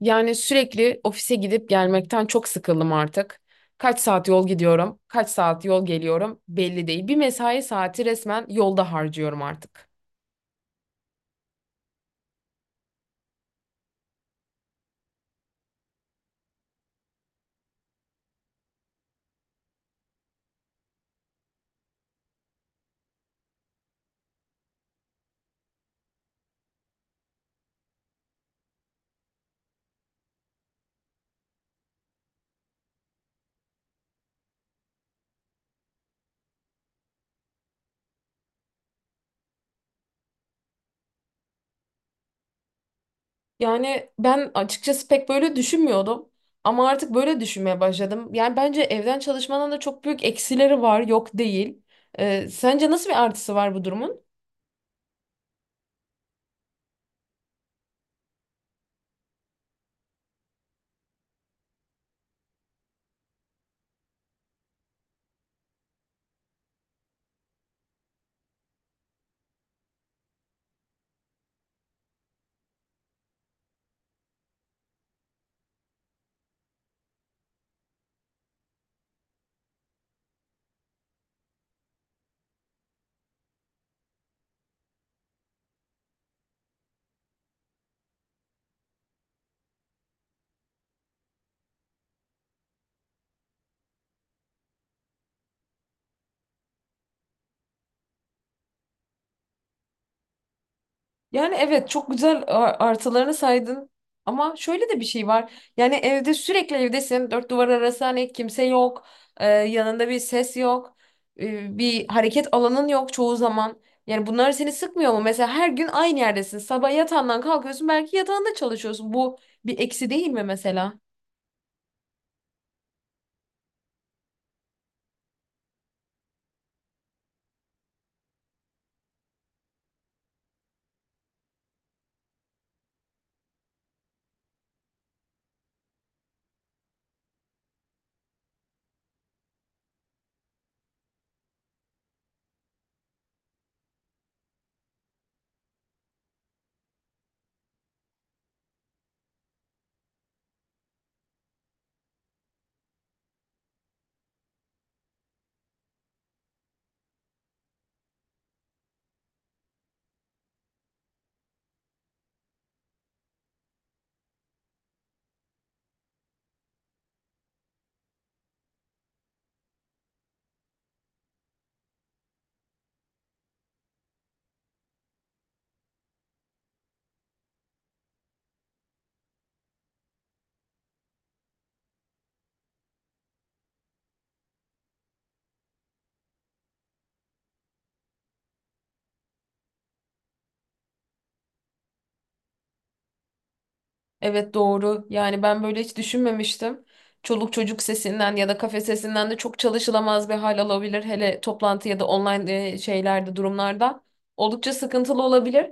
Yani sürekli ofise gidip gelmekten çok sıkıldım artık. Kaç saat yol gidiyorum, kaç saat yol geliyorum belli değil. Bir mesai saati resmen yolda harcıyorum artık. Yani ben açıkçası pek böyle düşünmüyordum ama artık böyle düşünmeye başladım. Yani bence evden çalışmanın da çok büyük eksileri var, yok değil. Sence nasıl bir artısı var bu durumun? Yani evet çok güzel artılarını saydın ama şöyle de bir şey var. Yani evde sürekli evdesin. Dört duvar arası hani kimse yok. Yanında bir ses yok. Bir hareket alanın yok çoğu zaman. Yani bunlar seni sıkmıyor mu? Mesela her gün aynı yerdesin. Sabah yatağından kalkıyorsun, belki yatağında çalışıyorsun. Bu bir eksi değil mi mesela? Evet, doğru. Yani ben böyle hiç düşünmemiştim. Çoluk çocuk sesinden ya da kafe sesinden de çok çalışılamaz bir hal alabilir. Hele toplantı ya da online şeylerde, durumlarda. Oldukça sıkıntılı olabilir.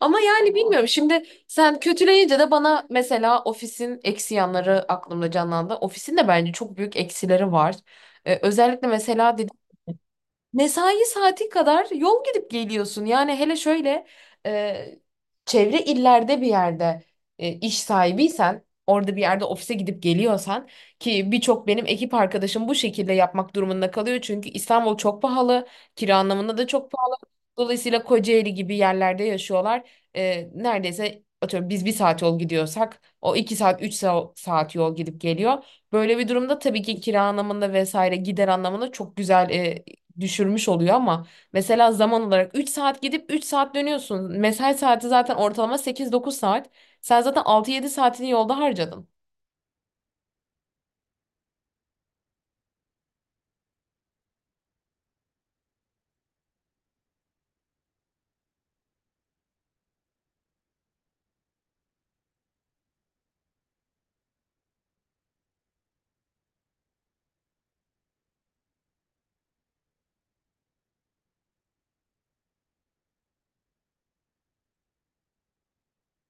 Ama yani bilmiyorum. Şimdi sen kötüleyince de bana mesela ofisin eksi yanları aklımda canlandı. Ofisin de bence çok büyük eksileri var. Özellikle mesela mesai saati kadar yol gidip geliyorsun. Yani hele şöyle e, çevre illerde bir yerde iş sahibiysen, orada bir yerde ofise gidip geliyorsan, ki birçok benim ekip arkadaşım bu şekilde yapmak durumunda kalıyor. Çünkü İstanbul çok pahalı, kira anlamında da çok pahalı. Dolayısıyla Kocaeli gibi yerlerde yaşıyorlar. Neredeyse atıyorum biz bir saat yol gidiyorsak o iki saat saat yol gidip geliyor. Böyle bir durumda tabii ki kira anlamında vesaire gider anlamında çok güzel düşürmüş oluyor ama mesela zaman olarak 3 saat gidip 3 saat dönüyorsun. Mesai saati zaten ortalama sekiz dokuz saat. Sen zaten altı yedi saatini yolda harcadın.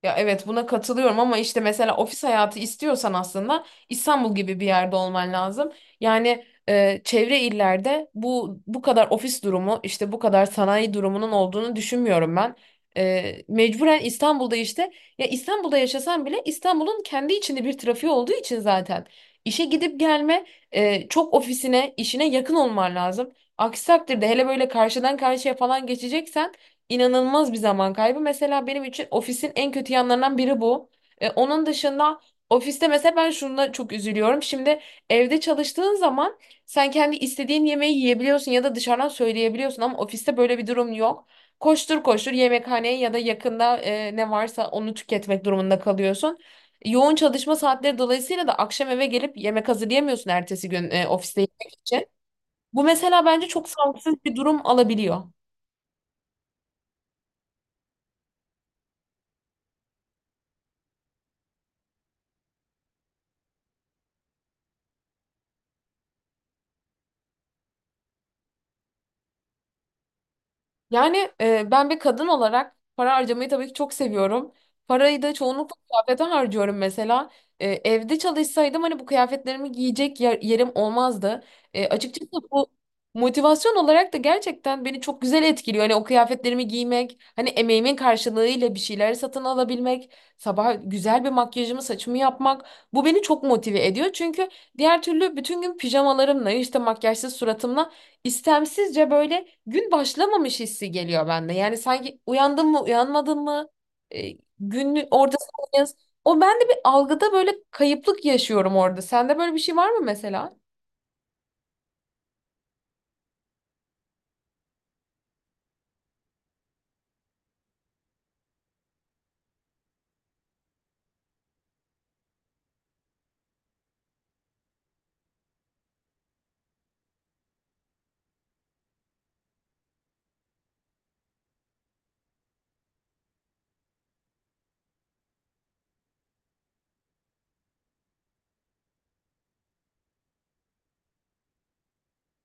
Ya evet, buna katılıyorum ama işte mesela ofis hayatı istiyorsan aslında İstanbul gibi bir yerde olman lazım. Yani çevre illerde bu kadar ofis durumu, işte bu kadar sanayi durumunun olduğunu düşünmüyorum ben. Mecburen İstanbul'da işte, ya İstanbul'da yaşasan bile İstanbul'un kendi içinde bir trafiği olduğu için zaten işe gidip gelme, çok ofisine, işine yakın olman lazım. Aksi takdirde, hele böyle karşıdan karşıya falan geçeceksen, inanılmaz bir zaman kaybı. Mesela benim için ofisin en kötü yanlarından biri bu. Onun dışında ofiste mesela ben şuna çok üzülüyorum. Şimdi evde çalıştığın zaman sen kendi istediğin yemeği yiyebiliyorsun ya da dışarıdan söyleyebiliyorsun ama ofiste böyle bir durum yok. Koştur koştur yemekhaneye ya da yakında ne varsa onu tüketmek durumunda kalıyorsun. Yoğun çalışma saatleri dolayısıyla da akşam eve gelip yemek hazırlayamıyorsun ertesi gün ofiste yemek için. Bu mesela bence çok sağlıksız bir durum alabiliyor. Yani ben bir kadın olarak para harcamayı tabii ki çok seviyorum. Parayı da çoğunlukla kıyafete harcıyorum mesela. Evde çalışsaydım hani bu kıyafetlerimi giyecek yerim olmazdı. Açıkçası bu motivasyon olarak da gerçekten beni çok güzel etkiliyor. Hani o kıyafetlerimi giymek, hani emeğimin karşılığıyla bir şeyler satın alabilmek, sabah güzel bir makyajımı, saçımı yapmak, bu beni çok motive ediyor. Çünkü diğer türlü bütün gün pijamalarımla, işte makyajsız suratımla, istemsizce böyle gün başlamamış hissi geliyor bende. Yani sanki uyandım mı uyanmadım mı e, günün ortasında. O, ben de bir algıda böyle kayıplık yaşıyorum orada. Sende böyle bir şey var mı mesela?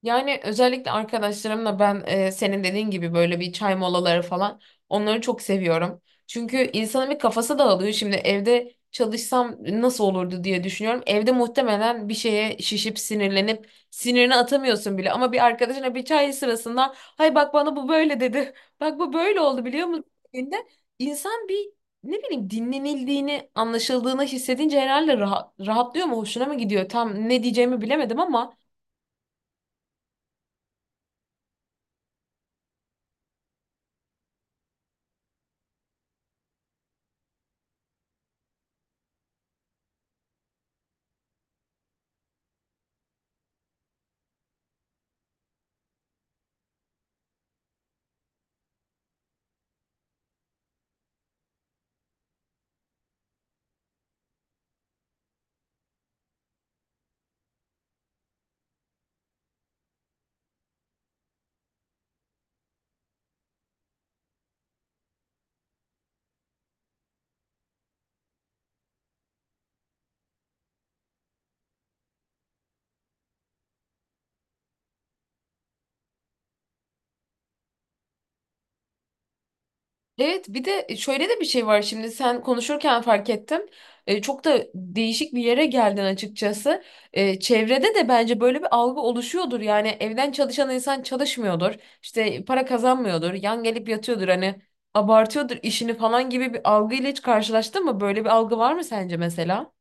Yani özellikle arkadaşlarımla ben senin dediğin gibi böyle bir çay molaları falan, onları çok seviyorum. Çünkü insanın bir kafası dağılıyor. Şimdi evde çalışsam nasıl olurdu diye düşünüyorum. Evde muhtemelen bir şeye şişip sinirlenip sinirini atamıyorsun bile. Ama bir arkadaşına bir çay sırasında, "Hay bak, bana bu böyle dedi." "Bak bu böyle oldu, biliyor musun?" dediğinde insan bir, ne bileyim, dinlenildiğini, anlaşıldığını hissedince herhalde rahat, rahatlıyor mu, hoşuna mı gidiyor, tam ne diyeceğimi bilemedim ama. Evet, bir de şöyle de bir şey var, şimdi sen konuşurken fark ettim. Çok da değişik bir yere geldin açıkçası. Çevrede de bence böyle bir algı oluşuyordur. Yani evden çalışan insan çalışmıyordur. İşte para kazanmıyordur. Yan gelip yatıyordur. Hani abartıyordur işini falan gibi bir algıyla hiç karşılaştın mı? Böyle bir algı var mı sence mesela?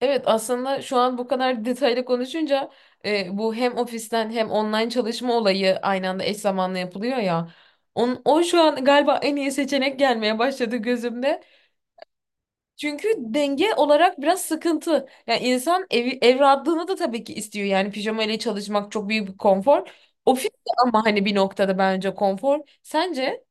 Evet, aslında şu an bu kadar detaylı konuşunca bu hem ofisten hem online çalışma olayı aynı anda eş zamanlı yapılıyor ya. O şu an galiba en iyi seçenek gelmeye başladı gözümde. Çünkü denge olarak biraz sıkıntı. Yani insan evi, ev rahatlığını da tabii ki istiyor. Yani pijama ile çalışmak çok büyük bir konfor. Ofis de ama hani bir noktada bence konfor. Sence?